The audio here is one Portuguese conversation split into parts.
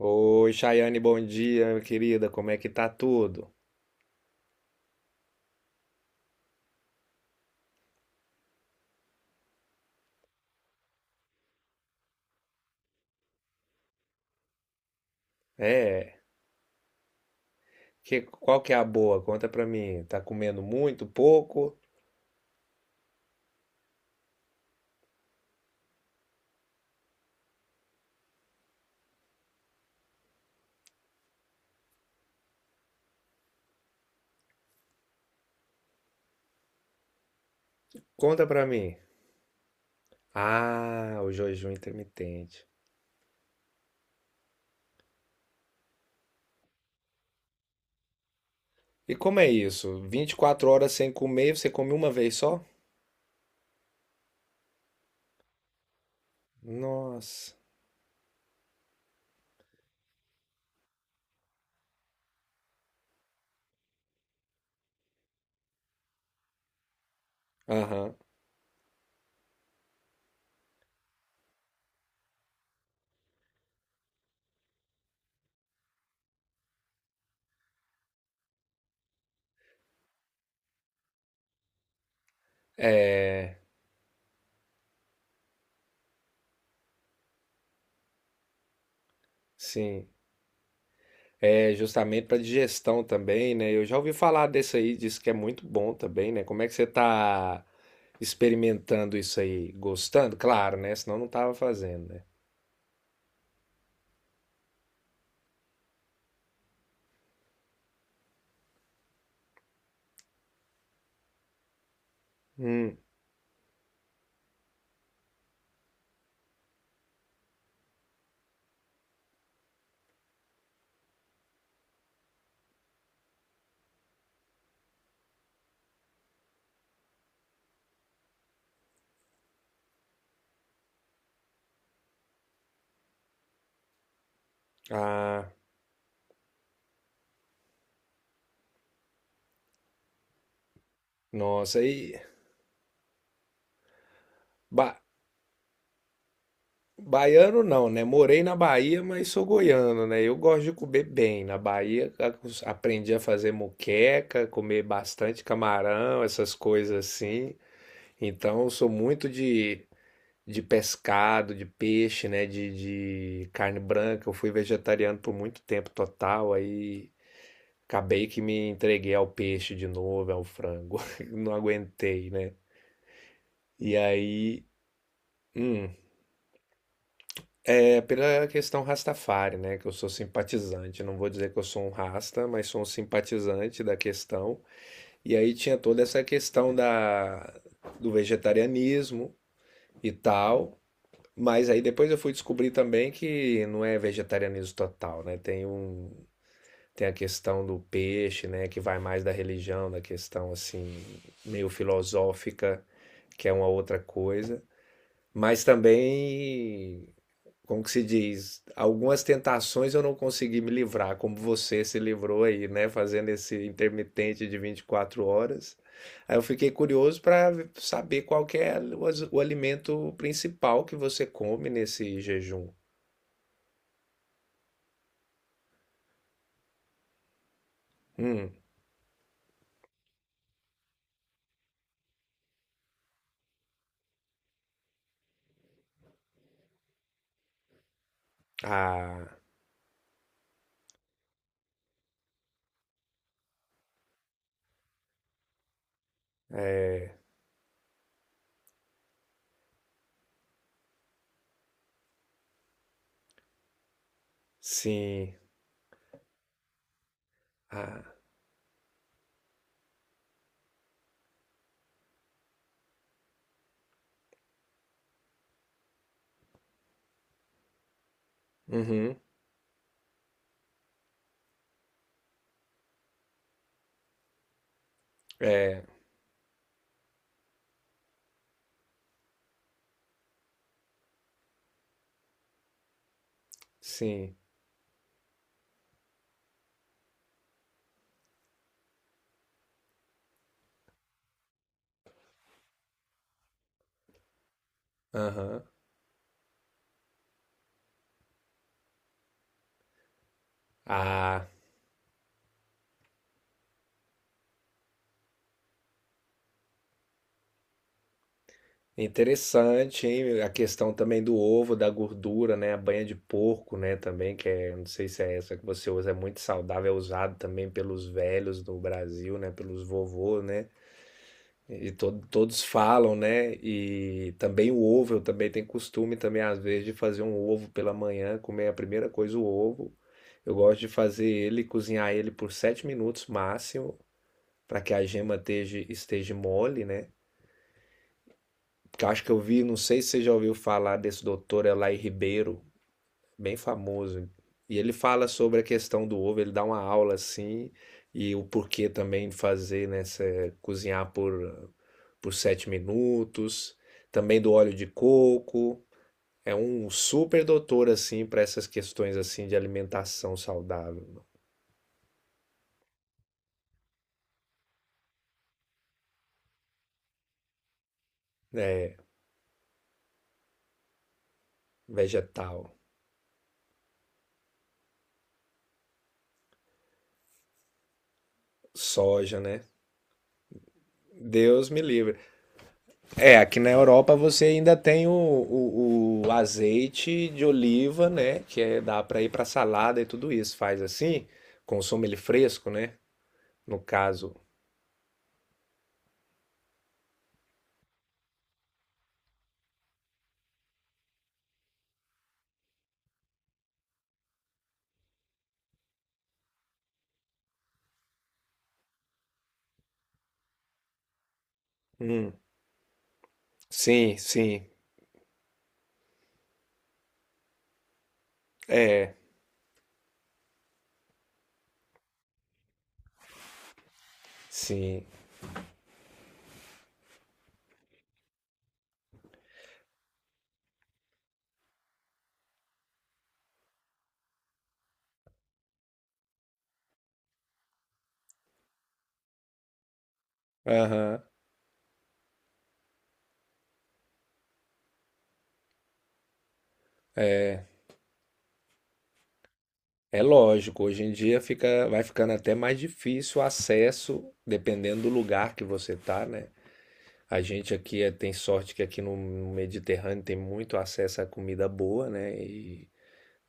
Oi, Chayane, bom dia, minha querida. Como é que tá tudo? É, qual que é a boa? Conta pra mim. Tá comendo muito, pouco? Conta pra mim. Ah, o jejum intermitente. E como é isso? 24 horas sem comer, você come uma vez só? Nossa. Aham. É, sim. É justamente pra digestão também, né? Eu já ouvi falar desse aí, diz que é muito bom também, né? Como é que você tá experimentando isso aí? Gostando? Claro, né? Senão não tava fazendo, né? Hum, ah, nossa, aí. Ba baiano não, né? Morei na Bahia, mas sou goiano, né? Eu gosto de comer bem. Na Bahia aprendi a fazer moqueca, comer bastante camarão, essas coisas assim. Então eu sou muito de pescado, de peixe, né? De carne branca. Eu fui vegetariano por muito tempo total, aí acabei que me entreguei ao peixe de novo, ao frango. Não aguentei, né? E aí. hum, É pela questão Rastafari, né? Que eu sou simpatizante. Não vou dizer que eu sou um rasta, mas sou um simpatizante da questão. E aí tinha toda essa questão do vegetarianismo e tal. Mas aí depois eu fui descobrir também que não é vegetarianismo total, né? Tem a questão do peixe, né? Que vai mais da religião, da questão assim, meio filosófica, que é uma outra coisa. Mas também como que se diz, algumas tentações eu não consegui me livrar, como você se livrou aí, né, fazendo esse intermitente de 24 horas. Aí eu fiquei curioso para saber qual que é o, o alimento principal que você come nesse jejum. Hum, ah, é, sim, ah, uhum, é, sim, aham, ah. Interessante, hein? A questão também do ovo, da gordura, né? A banha de porco, né? Também, que é, não sei se é essa que você usa, é muito saudável, é usado também pelos velhos do Brasil, né? Pelos vovôs, né? E todos falam, né? E também o ovo, eu também tenho costume também, às vezes, de fazer um ovo pela manhã, comer a primeira coisa o ovo. Eu gosto de fazer ele, cozinhar ele por 7 minutos máximo, para que a gema esteja, mole, né? Que eu acho que eu vi, não sei se você já ouviu falar desse doutor Elay Ribeiro, bem famoso. E ele fala sobre a questão do ovo, ele dá uma aula assim, e o porquê também de fazer, né, cozinhar por 7 minutos, também do óleo de coco. É um super doutor assim para essas questões assim de alimentação saudável, né, vegetal, soja, né? Deus me livre. É, aqui na Europa você ainda tem o azeite de oliva, né? Que é, dá para ir para salada e tudo isso. Faz assim, consome ele fresco, né? No caso. Hum, sim, sim. É, sim. Aham. É lógico, hoje em dia fica, vai ficando até mais difícil o acesso, dependendo do lugar que você tá, né? A gente aqui tem sorte que aqui no Mediterrâneo tem muito acesso à comida boa, né?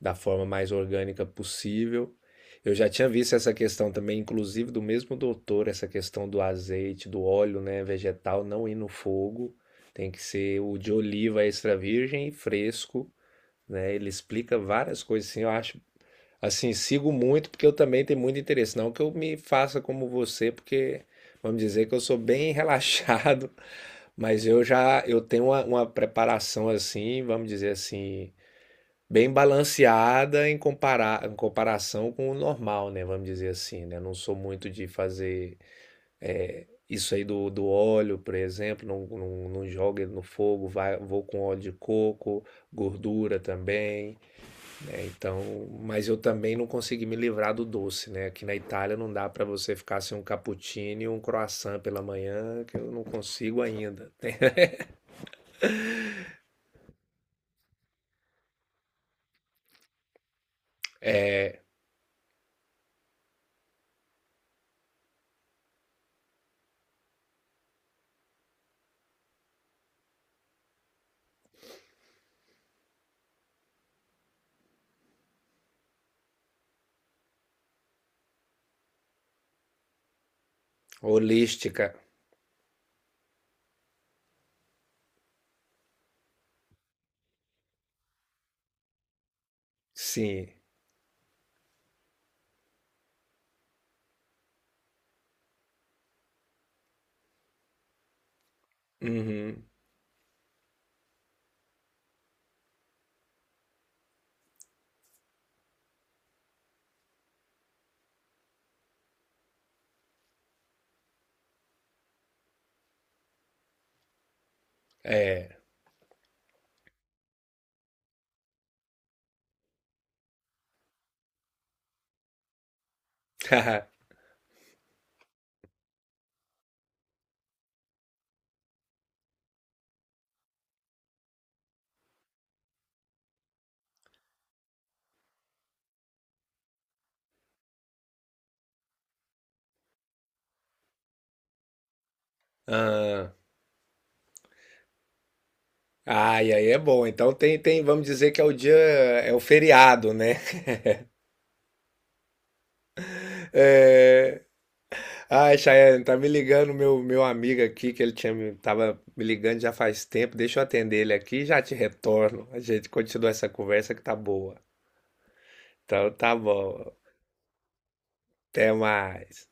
Da forma mais orgânica possível. Eu já tinha visto essa questão também, inclusive do mesmo doutor, essa questão do azeite, do óleo, né, vegetal não ir no fogo, tem que ser o de oliva extra virgem e fresco, né? Ele explica várias coisas assim, eu acho, assim, sigo muito porque eu também tenho muito interesse, não que eu me faça como você, porque vamos dizer que eu sou bem relaxado, mas eu já eu tenho uma preparação assim, vamos dizer assim, bem balanceada em em comparação com o normal, né? Vamos dizer assim, né? Não sou muito de fazer é, isso aí do, óleo, por exemplo, não jogo ele no fogo, vou com óleo de coco, gordura também, né? Então, mas eu também não consegui me livrar do doce, né? Aqui na Itália não dá para você ficar sem um cappuccino e um croissant pela manhã, que eu não consigo ainda. Tem- Holística, sim. Uhum. É. Ah. Ah, e aí é bom. Então vamos dizer que é o dia, é o feriado, né? É... Ai, Chayane, tá me ligando meu amigo aqui, que ele tinha, tava me ligando já faz tempo. Deixa eu atender ele aqui e já te retorno. A gente continua essa conversa que tá boa. Então tá bom. Até mais.